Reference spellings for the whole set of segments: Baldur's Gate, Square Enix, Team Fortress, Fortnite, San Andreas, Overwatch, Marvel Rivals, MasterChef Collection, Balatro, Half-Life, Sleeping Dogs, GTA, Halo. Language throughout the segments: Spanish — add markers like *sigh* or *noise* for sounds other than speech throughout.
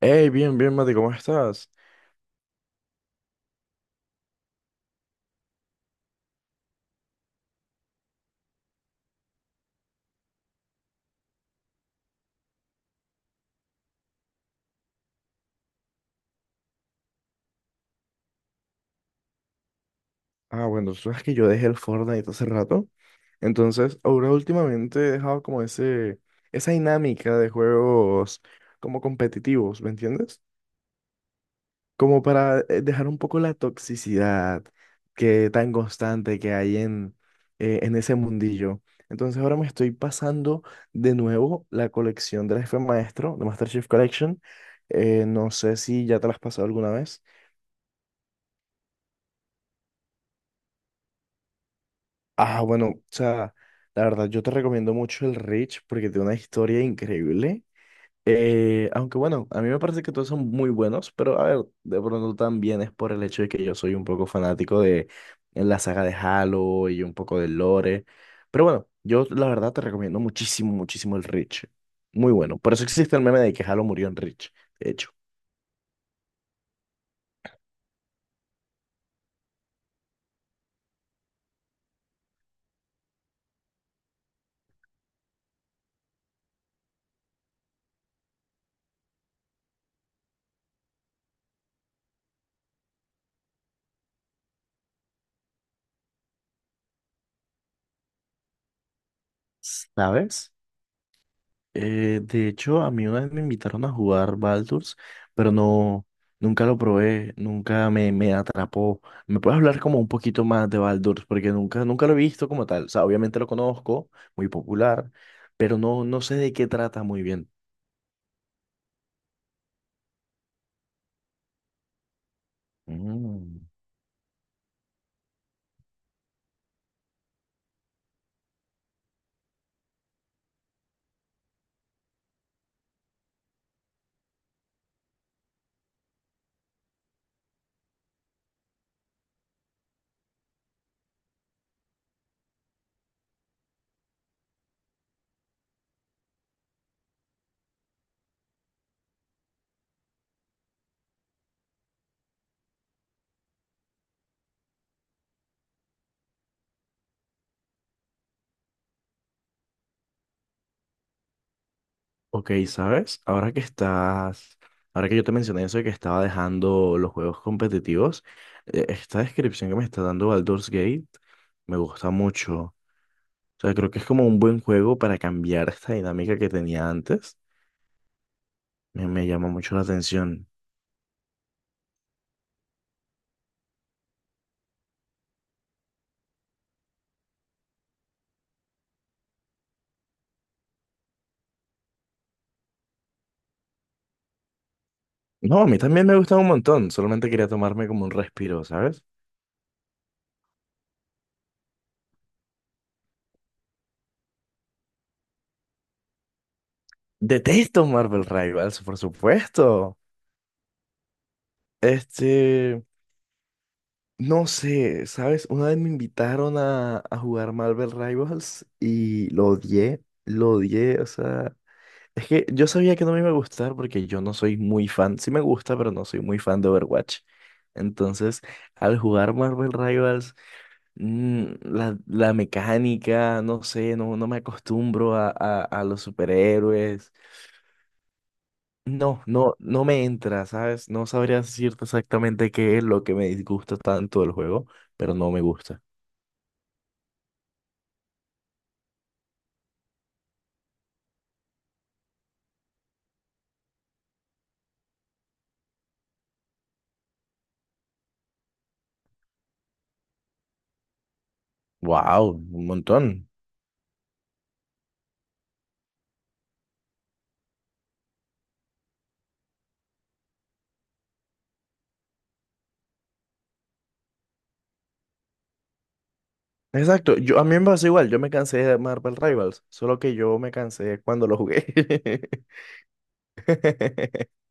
Hey, bien, bien, Mati, ¿cómo estás? Ah, bueno, tú sabes que yo dejé el Fortnite hace rato. Entonces, ahora últimamente he dejado como ese, esa dinámica de juegos como competitivos, ¿me entiendes? Como para dejar un poco la toxicidad que tan constante que hay en ese mundillo. Entonces, ahora me estoy pasando de nuevo la colección del jefe maestro, de MasterChef Collection. No sé si ya te la has pasado alguna vez. Ah, bueno, o sea, la verdad, yo te recomiendo mucho el Rich porque tiene una historia increíble. Aunque bueno, a mí me parece que todos son muy buenos, pero a ver, de pronto también es por el hecho de que yo soy un poco fanático de en la saga de Halo y un poco del lore. Pero bueno, yo la verdad te recomiendo muchísimo el Rich. Muy bueno. Por eso existe el meme de que Halo murió en Rich, de hecho. ¿Sabes? De hecho, a mí una vez me invitaron a jugar Baldur's, pero no, nunca lo probé, nunca me, me atrapó. ¿Me puedes hablar como un poquito más de Baldur's? Porque nunca lo he visto como tal. O sea, obviamente lo conozco, muy popular, pero no, no sé de qué trata muy bien. Mm. Ok, ¿sabes? Ahora que yo te mencioné eso de que estaba dejando los juegos competitivos, esta descripción que me está dando Baldur's Gate me gusta mucho. O sea, creo que es como un buen juego para cambiar esta dinámica que tenía antes. Me llama mucho la atención. No, a mí también me gusta un montón. Solamente quería tomarme como un respiro, ¿sabes? Detesto Marvel Rivals, por supuesto. Este, no sé, ¿sabes? Una vez me invitaron a jugar Marvel Rivals y lo odié, o sea, es que yo sabía que no me iba a gustar porque yo no soy muy fan, sí me gusta, pero no soy muy fan de Overwatch. Entonces, al jugar Marvel Rivals, mm, la mecánica, no sé, no me acostumbro a los superhéroes. No me entra, ¿sabes? No sabría decirte exactamente qué es lo que me disgusta tanto del juego, pero no me gusta. Wow, un montón. Exacto, yo a mí me pasó igual, yo me cansé de Marvel Rivals, solo que yo me cansé cuando lo jugué. *laughs*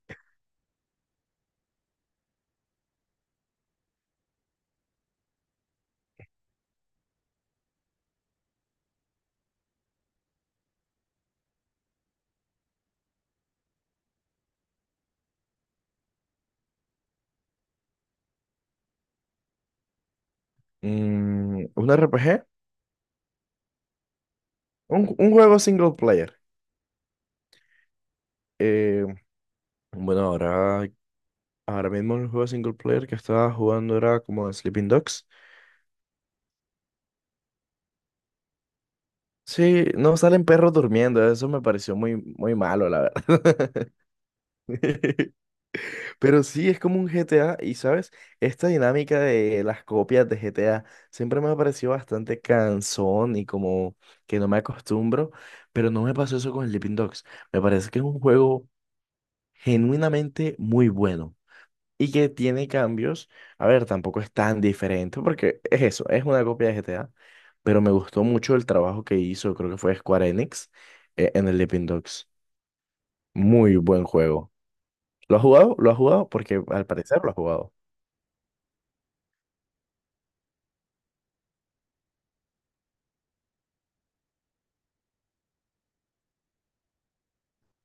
Mm, ¿un RPG? Un juego single player. Eh, bueno, ahora mismo el juego single player que estaba jugando era como Sleeping Dogs. Sí, no salen perros durmiendo, eso me pareció muy malo, la verdad. *laughs* Pero sí, es como un GTA y, ¿sabes? Esta dinámica de las copias de GTA siempre me ha parecido bastante cansón y como que no me acostumbro, pero no me pasó eso con Sleeping Dogs. Me parece que es un juego genuinamente muy bueno y que tiene cambios. A ver, tampoco es tan diferente porque es eso, es una copia de GTA, pero me gustó mucho el trabajo que hizo, creo que fue Square Enix, en el Sleeping Dogs. Muy buen juego. ¿Lo has jugado? Porque al parecer lo has jugado.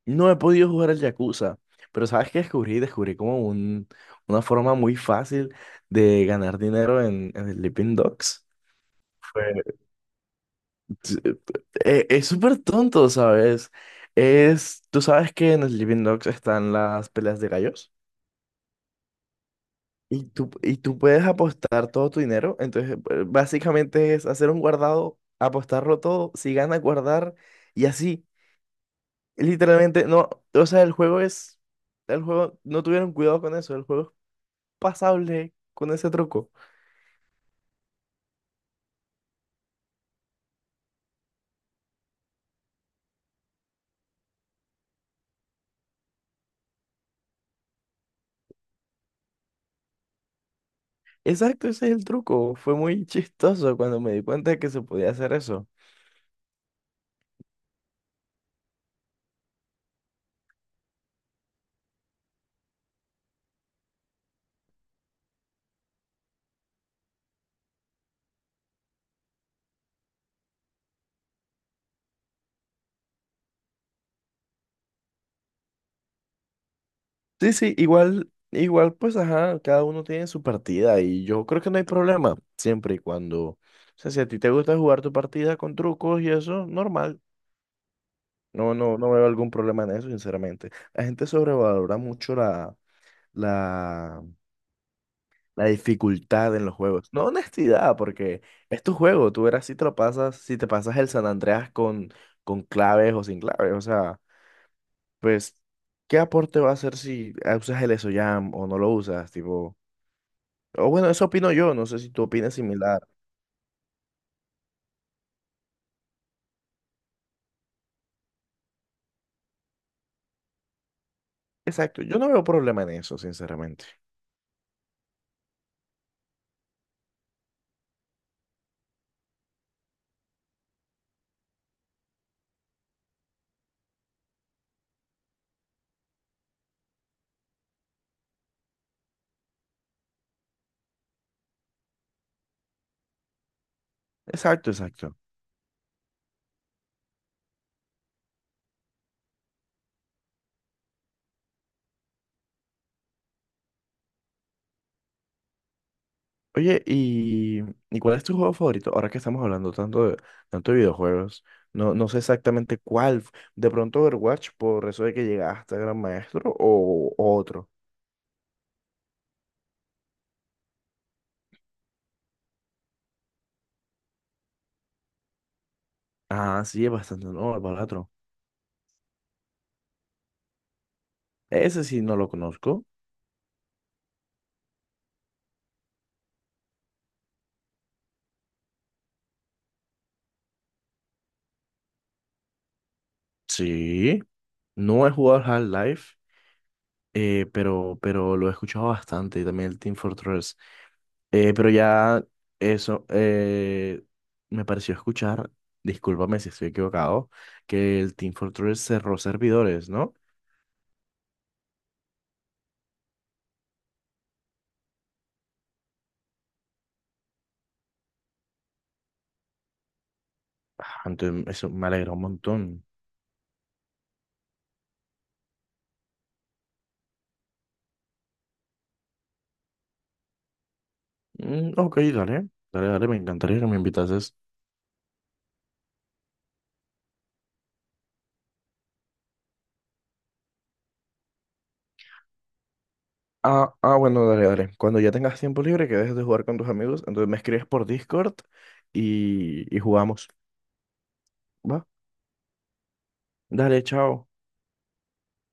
No he podido jugar el Yakuza, pero ¿sabes qué descubrí? Descubrí como un, una forma muy fácil de ganar dinero en el Sleeping Dogs. Fue- t- Es súper tonto, ¿sabes? Es, tú sabes que en el Sleeping Dogs están las peleas de gallos. Y tú puedes apostar todo tu dinero. Entonces, básicamente es hacer un guardado, apostarlo todo, si ganas, guardar y así. Literalmente, no, o sea, el juego, no tuvieron cuidado con eso, el juego es pasable con ese truco. Exacto, ese es el truco. Fue muy *laughs* chistoso cuando me di cuenta de que se podía hacer eso. Sí, sí, igual, igual, pues, ajá, cada uno tiene su partida y yo creo que no hay problema, siempre y cuando... O sea, si a ti te gusta jugar tu partida con trucos y eso, normal. No veo algún problema en eso, sinceramente. La gente sobrevalora mucho la, la dificultad en los juegos. No honestidad, porque es tu juego. Tú verás si te lo pasas, si te pasas el San Andreas con claves o sin claves. O sea, pues, ¿qué aporte va a hacer si usas el EsoJam o no lo usas? Tipo, o bueno, eso opino yo. No sé si tú opinas similar. Exacto. Yo no veo problema en eso, sinceramente. Exacto, exacto. Oye, y, ¿Y cuál es tu juego favorito? Ahora que estamos hablando tanto de videojuegos, no, no sé exactamente cuál. De pronto Overwatch, por eso de que llegaste a Gran Maestro, o otro. Ah, sí, es bastante nuevo el Balatro. Ese sí no lo conozco. Sí, no he jugado al Half-Life, pero lo he escuchado bastante. Y también el Team Fortress. Pero ya eso, eh, me pareció escuchar, discúlpame si estoy equivocado, que el Team Fortress cerró servidores, ¿no? Ah, entonces, eso me alegra un montón. Mm, ok, dale, me encantaría que me invitases. Bueno, dale. Cuando ya tengas tiempo libre, que dejes de jugar con tus amigos, entonces me escribes por Discord y jugamos. ¿Va? Dale, chao.